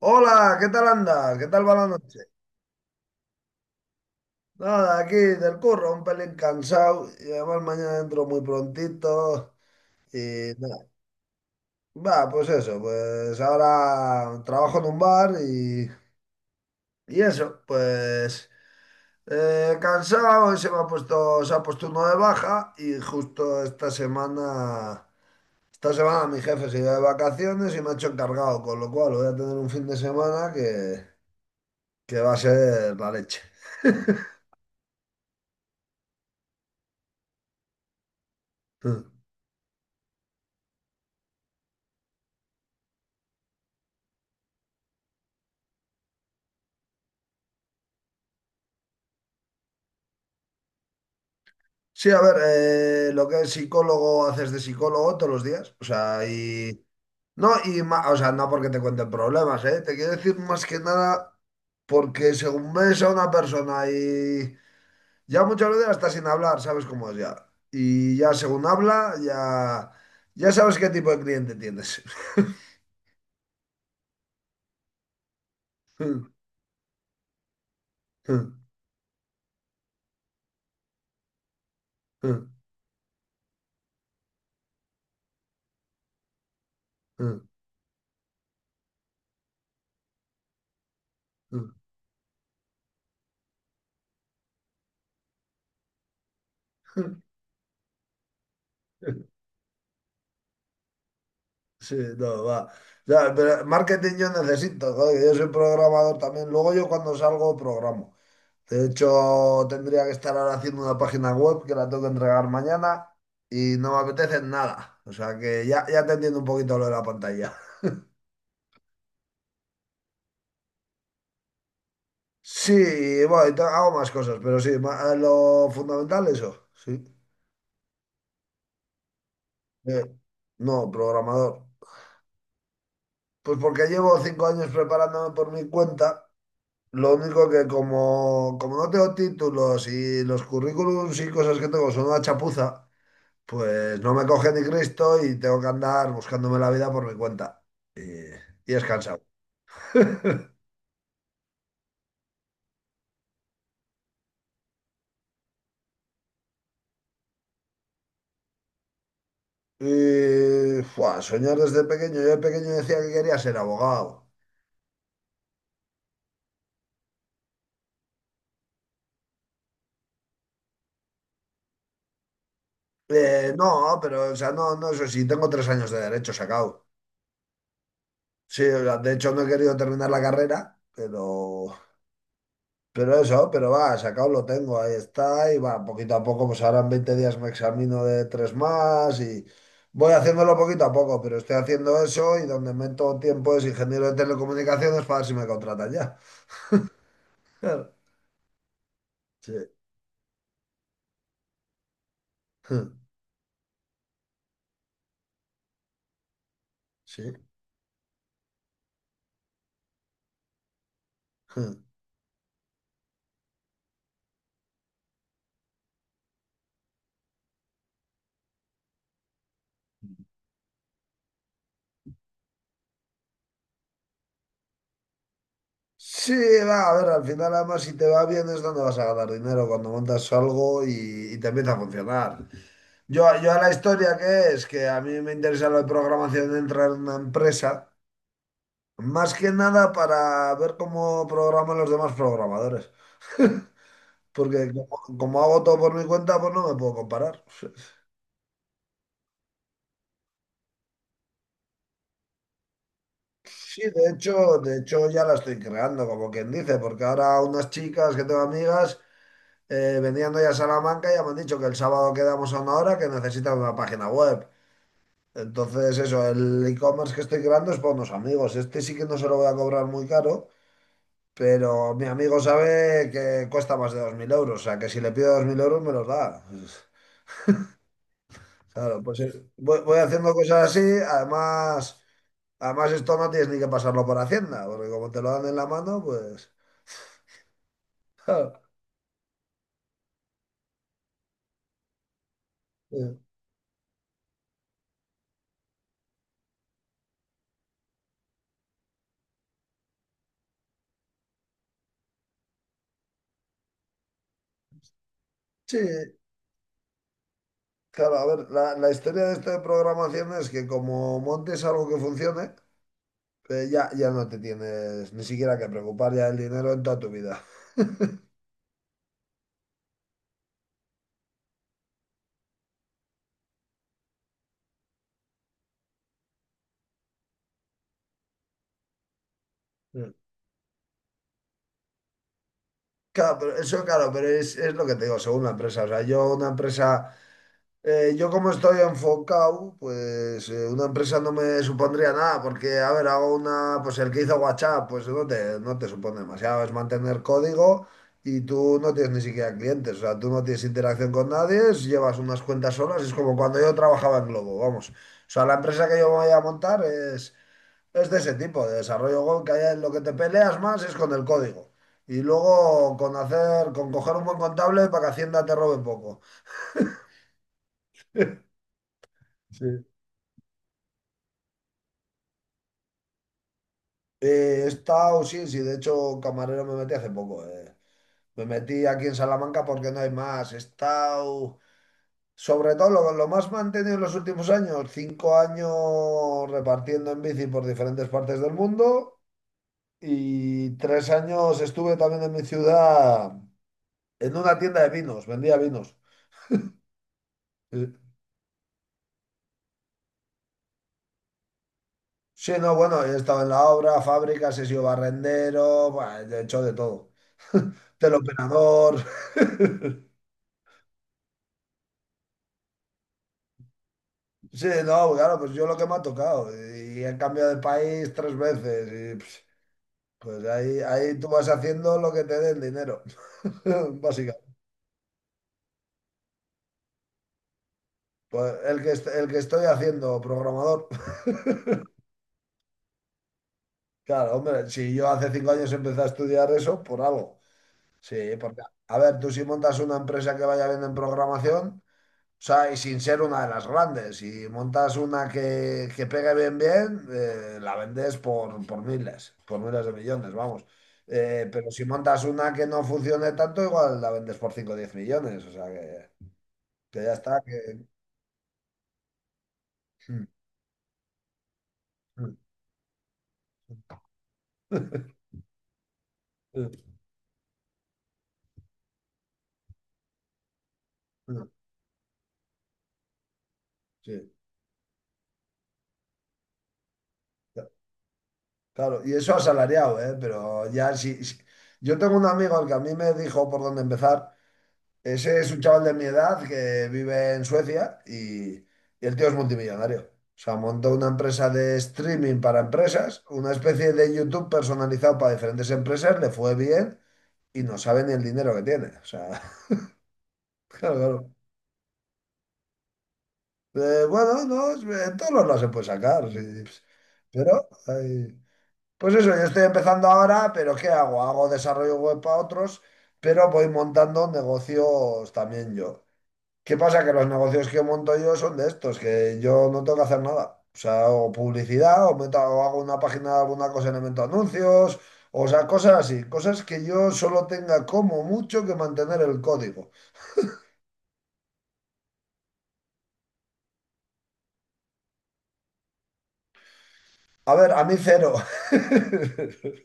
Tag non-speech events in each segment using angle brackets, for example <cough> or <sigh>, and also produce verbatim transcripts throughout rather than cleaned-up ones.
Hola, ¿qué tal andas? ¿Qué tal va la noche? Nada, aquí del curro, un pelín cansado y además mañana entro muy prontito y nada. Va, pues eso, pues ahora trabajo en un bar y, y eso, pues eh, cansado, se me ha puesto, se ha puesto uno de baja y justo esta semana, esta semana mi jefe se iba de vacaciones y me ha hecho encargado, con lo cual voy a tener un fin de semana que, que va a ser la leche. <laughs> Sí, a ver, eh, lo que es psicólogo, haces de psicólogo todos los días. O sea, y. No, y ma- o sea, no porque te cuenten problemas, ¿eh? Te quiero decir más que nada porque según ves a una persona y ya muchas veces hasta sin hablar, sabes cómo es ya. Y ya según habla, ya, ya sabes qué tipo de cliente tienes. <laughs> Sí, no, va. Ya, pero marketing yo necesito, joder, yo soy programador también. Luego yo cuando salgo programo. De hecho, tendría que estar ahora haciendo una página web que la tengo que entregar mañana y no me apetece nada. O sea que ya, ya te entiendo un poquito lo de la pantalla. Sí, bueno, y te- hago más cosas, pero sí, ma- eh, lo fundamental eso, sí. Eh, no, programador. Pues porque llevo cinco años preparándome por mi cuenta. Lo único que como, como no tengo títulos y los currículums y cosas que tengo son una chapuza, pues no me coge ni Cristo y tengo que andar buscándome la vida por mi cuenta. Y, y es cansado. <laughs> Y, fua, soñar desde pequeño. Yo de pequeño decía que quería ser abogado. Eh, no, pero, o sea, no, no, eso sí, tengo tres años de derecho sacado. Sí, o sea, de hecho no he querido terminar la carrera, pero Pero eso, pero va, sacado lo tengo, ahí está, y va, poquito a poco, pues ahora en veinte días me examino de tres más y voy haciéndolo poquito a poco, pero estoy haciendo eso y donde meto tiempo es ingeniero de telecomunicaciones para ver si me contratan ya. <laughs> Claro. Sí. <laughs> Sí. <laughs> Sí, va, a ver, al final además si te va bien es donde vas a ganar dinero cuando montas algo y, y te empieza a funcionar. Yo, yo a la historia que es, que a mí me interesa lo de programación de entrar en una empresa. Más que nada para ver cómo programan los demás programadores. Porque como, como hago todo por mi cuenta, pues no me puedo comparar. Sí, de hecho, de hecho ya la estoy creando, como quien dice, porque ahora unas chicas que tengo amigas eh, venían hoy a Salamanca y ya me han dicho que el sábado quedamos a una hora que necesitan una página web. Entonces, eso, el e-commerce que estoy creando es para unos amigos. Este sí que no se lo voy a cobrar muy caro, pero mi amigo sabe que cuesta más de dos mil euros, o sea que si le pido dos mil euros me los da. Claro, pues eh, voy, voy haciendo cosas así, además, además esto no tienes ni que pasarlo por Hacienda, porque como te lo dan en la mano, pues... <laughs> eh, sí, claro, a ver, la, la historia de esto de programación es que como montes algo que funcione, eh, ya, ya no te tienes ni siquiera que preocupar ya del dinero en toda tu vida. <laughs> Mm. Claro, pero eso claro, pero es, es lo que te digo, según la empresa. O sea, yo una empresa. Eh, yo como estoy enfocado, pues eh, una empresa no me supondría nada, porque, a ver, hago una, pues el que hizo WhatsApp, pues no te, no te supone demasiado, es mantener código y tú no tienes ni siquiera clientes, o sea, tú no tienes interacción con nadie, es- llevas unas cuentas solas, es como cuando yo trabajaba en Globo, vamos. O sea, la empresa que yo me voy a montar es, es de ese tipo, de desarrollo web, que hay- lo que te peleas más es con el código. Y luego con hacer, con coger un buen contable para que Hacienda te robe poco. Sí. Eh, he estado, sí, sí, de hecho, camarero me metí hace poco. eh. Me metí aquí en Salamanca porque no hay más. He estado, sobre todo lo, lo más mantenido en los últimos años, cinco años repartiendo en bici por diferentes partes del mundo y tres años estuve también en mi ciudad en una tienda de vinos, vendía vinos. Eh, Sí, no, bueno, he estado en la obra, fábricas, he sido barrendero, buah, he hecho de todo. <laughs> Teleoperador. <laughs> Sí, no, claro, pues yo lo que me ha tocado. Y he cambiado de país tres veces. Y pues, pues ahí, ahí tú vas haciendo lo que te dé el dinero. <laughs> Básicamente. Pues el que, est- el que estoy haciendo, programador. <laughs> Claro, hombre, si yo hace cinco años empecé a estudiar eso, por algo. Sí, porque, a ver, tú si montas una empresa que vaya bien en programación. Sea, y sin ser una de las grandes. Si montas una que, que pegue bien, bien, eh, la vendes por, por miles, por miles de millones, vamos. Eh, pero si montas una que no funcione tanto, igual la vendes por cinco o diez millones. O sea, que, que ya está. Que... <laughs> Sí, claro. Y eso asalariado, ¿eh? Pero ya si... si- Yo tengo un amigo al que a mí me dijo por dónde empezar. Ese es un chaval de mi edad que vive en Suecia y, y el tío es multimillonario. O sea, montó una empresa de streaming para empresas, una especie de YouTube personalizado para diferentes empresas, le fue bien y no sabe ni el dinero que tiene. O sea, <laughs> claro, claro. Eh, bueno, no, es- en todos los lados se puede sacar. Sí. Pero, ay, pues eso, yo estoy empezando ahora, pero ¿qué hago? Hago desarrollo web para otros, pero voy montando negocios también yo. ¿Qué pasa? Que los negocios que monto yo son de estos, que yo no tengo que hacer nada. O sea, o publicidad, o, meto- o hago una página de alguna cosa y le meto anuncios, o sea, cosas así, cosas que yo solo tenga como mucho que mantener el código. A ver, a mí cero. <laughs>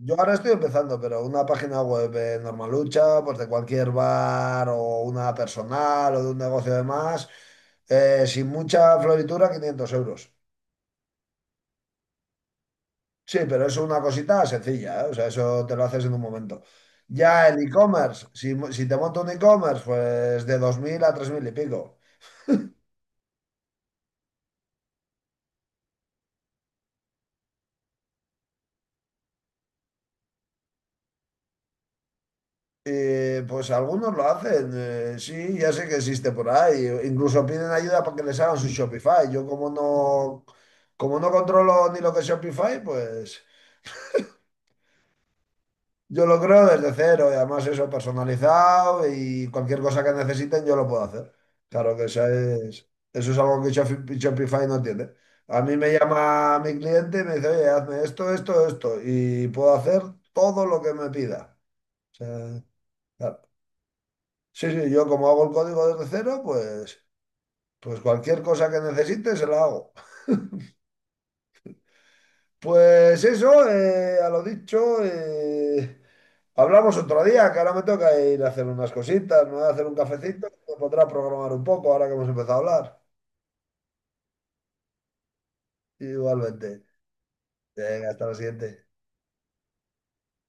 Yo ahora estoy empezando, pero una página web eh, normalucha, pues de cualquier bar o una personal o de un negocio de más, eh, sin mucha floritura, quinientos euros. Sí, pero es una cosita sencilla, ¿eh? O sea, eso te lo haces en un momento. Ya el e-commerce, si, mo- si te monto un e-commerce, pues de dos mil a tres mil y pico. Y, pues algunos lo hacen, eh, sí, ya sé que existe por ahí. Incluso piden ayuda para que les hagan su Shopify. Yo como no, como no controlo ni lo que es Shopify, pues... Yo lo creo desde cero y además eso personalizado y cualquier cosa que necesiten yo lo puedo hacer. Claro que eso es- eso es algo que Shopify, Shopify no tiene. A mí me llama mi cliente y me dice, oye, hazme esto, esto, esto y puedo hacer todo lo que me pida. O sea, claro. Sí, sí, yo como hago el código desde cero, pues, pues cualquier cosa que necesite se la hago. Pues eso, eh, a lo dicho. eh, Hablamos otro día, que ahora me toca ir a hacer unas cositas, me voy a hacer un cafecito, me podrá programar un poco ahora que hemos empezado a hablar. Igualmente. Venga, hasta la siguiente.